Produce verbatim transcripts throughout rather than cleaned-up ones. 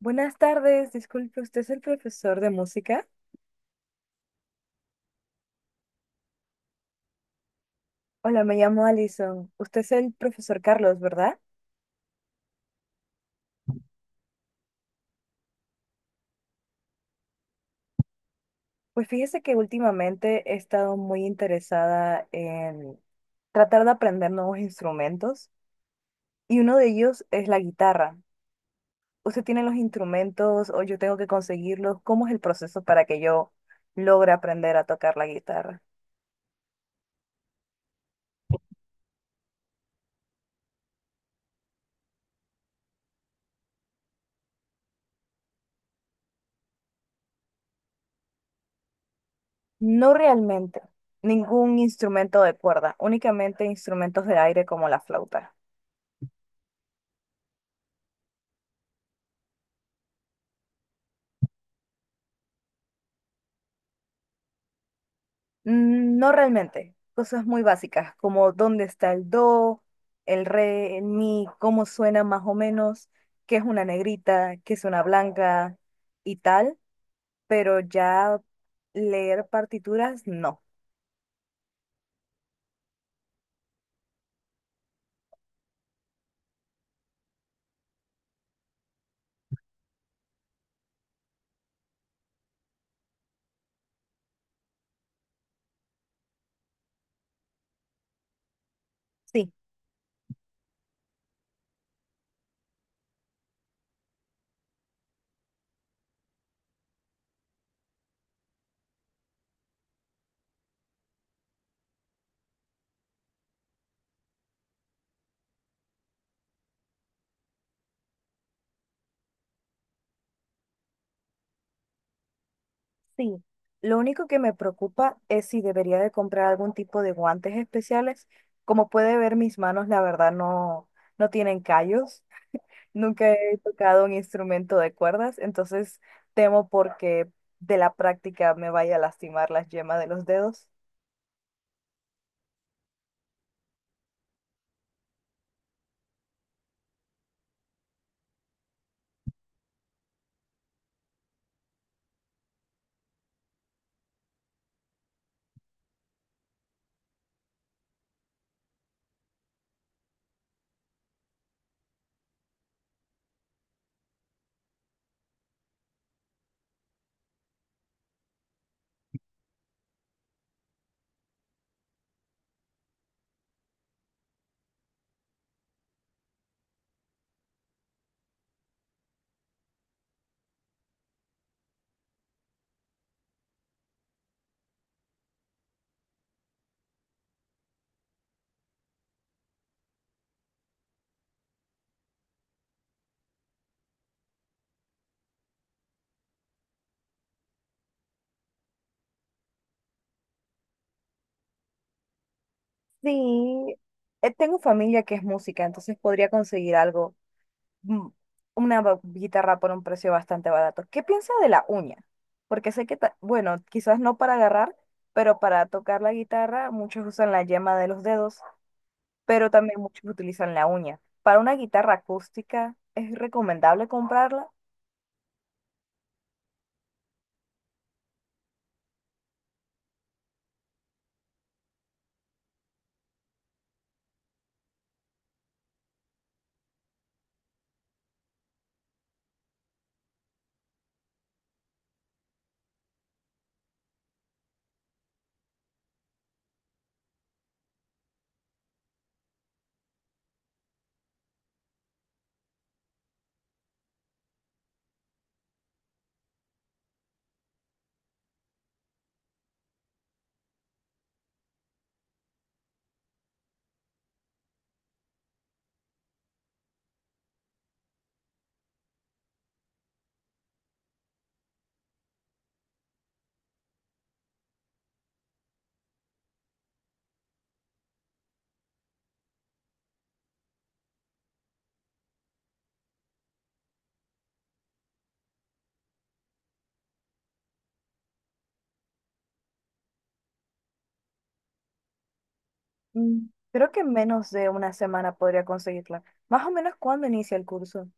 Buenas tardes, disculpe, ¿usted es el profesor de música? Hola, me llamo Alison. Usted es el profesor Carlos, ¿verdad? Pues fíjese que últimamente he estado muy interesada en tratar de aprender nuevos instrumentos y uno de ellos es la guitarra. ¿Usted tiene los instrumentos o yo tengo que conseguirlos? ¿Cómo es el proceso para que yo logre aprender a tocar la guitarra? No realmente, ningún instrumento de cuerda, únicamente instrumentos de aire como la flauta. Mm, No realmente, cosas muy básicas, como dónde está el do, el re, el mi, cómo suena más o menos, qué es una negrita, qué es una blanca y tal, pero ya leer partituras, no. Sí, sí. Lo único que me preocupa es si debería de comprar algún tipo de guantes especiales. Como puede ver, mis manos, la verdad, no, no tienen callos. Nunca he tocado un instrumento de cuerdas, entonces temo porque de la práctica me vaya a lastimar las yemas de los dedos. Sí, eh, tengo familia que es música, entonces podría conseguir algo, mm, una ba- guitarra por un precio bastante barato. ¿Qué piensa de la uña? Porque sé que, ta- bueno, quizás no para agarrar, pero para tocar la guitarra muchos usan la yema de los dedos, pero también muchos utilizan la uña. Para una guitarra acústica, ¿es recomendable comprarla? Mm, Creo que en menos de una semana podría conseguirla. Más o menos cuando inicia el curso.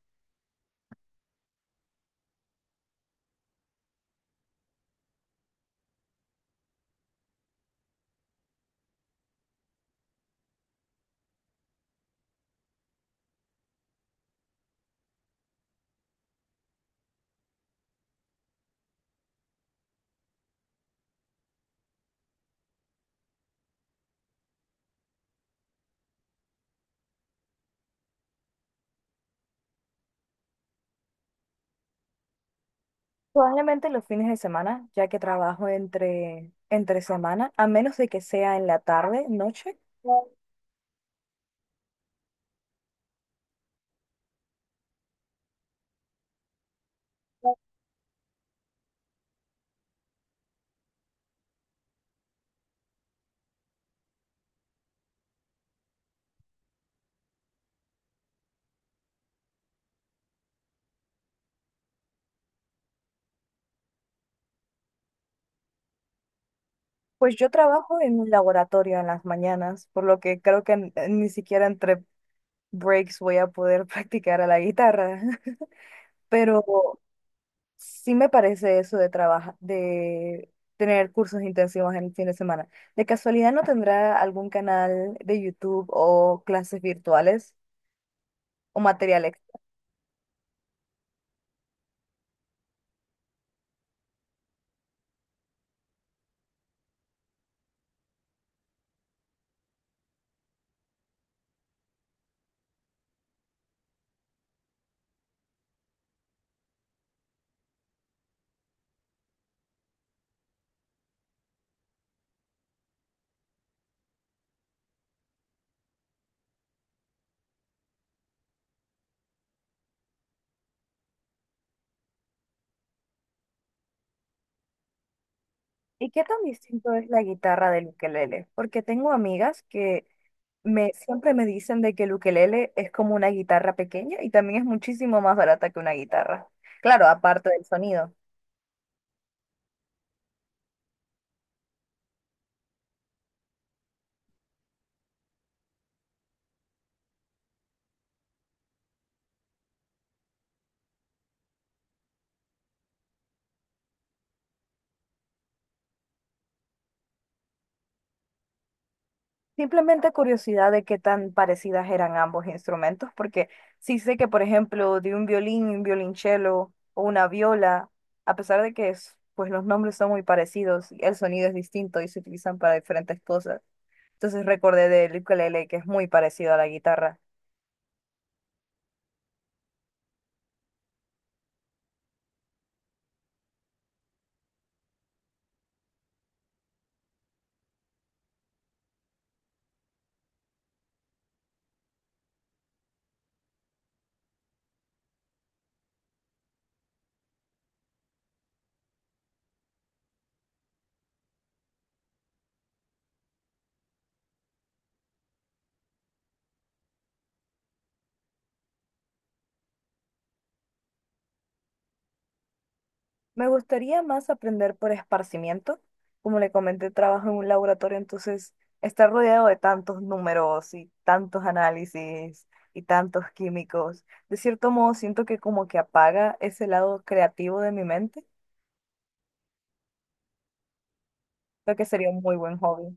Probablemente los fines de semana, ya que trabajo entre, entre semana, a menos de que sea en la tarde, noche. Pues yo trabajo en un laboratorio en las mañanas, por lo que creo que n- ni siquiera entre breaks voy a poder practicar a la guitarra. Pero sí me parece eso de trabajar, de tener cursos intensivos en el fin de semana. ¿De casualidad no tendrá algún canal de YouTube o clases virtuales o material extra? ¿Y qué tan distinto es la guitarra del ukelele? Porque tengo amigas que me, siempre me dicen de que el ukelele es como una guitarra pequeña y también es muchísimo más barata que una guitarra. Claro, aparte del sonido. Simplemente curiosidad de qué tan parecidas eran ambos instrumentos, porque sí sé que, por ejemplo, de un violín, un violonchelo o una viola, a pesar de que es- pues los nombres son muy parecidos, el sonido es distinto y se utilizan para diferentes cosas. Entonces recordé del ukelele que es muy parecido a la guitarra. Me gustaría más aprender por esparcimiento. Como le comenté, trabajo en un laboratorio, entonces estar rodeado de tantos números y tantos análisis y tantos químicos, de cierto modo siento que como que apaga ese lado creativo de mi mente, lo que sería un muy buen hobby.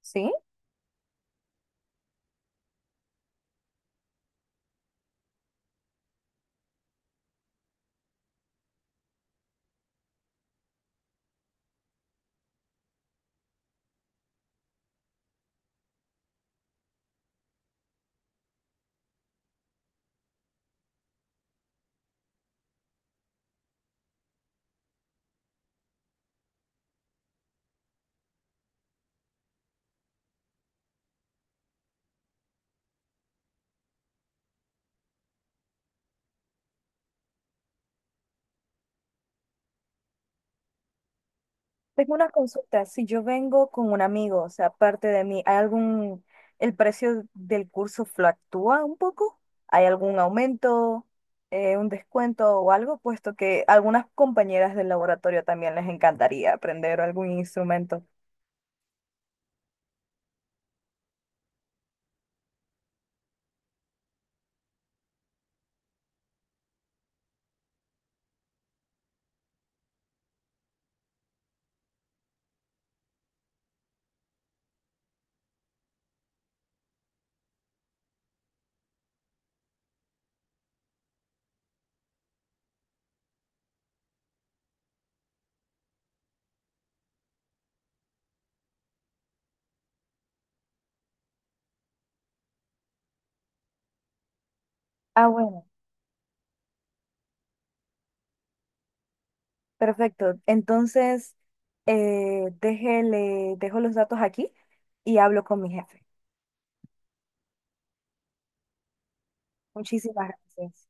¿Sí? Tengo una consulta. Si yo vengo con un amigo, o sea, aparte de mí, ¿hay algún, el precio del curso fluctúa un poco? ¿Hay algún aumento, eh, un descuento o algo? Puesto que a algunas compañeras del laboratorio también les encantaría aprender algún instrumento. Ah, bueno, perfecto. Entonces, eh, déjele, dejo los datos aquí y hablo con mi jefe. Muchísimas gracias.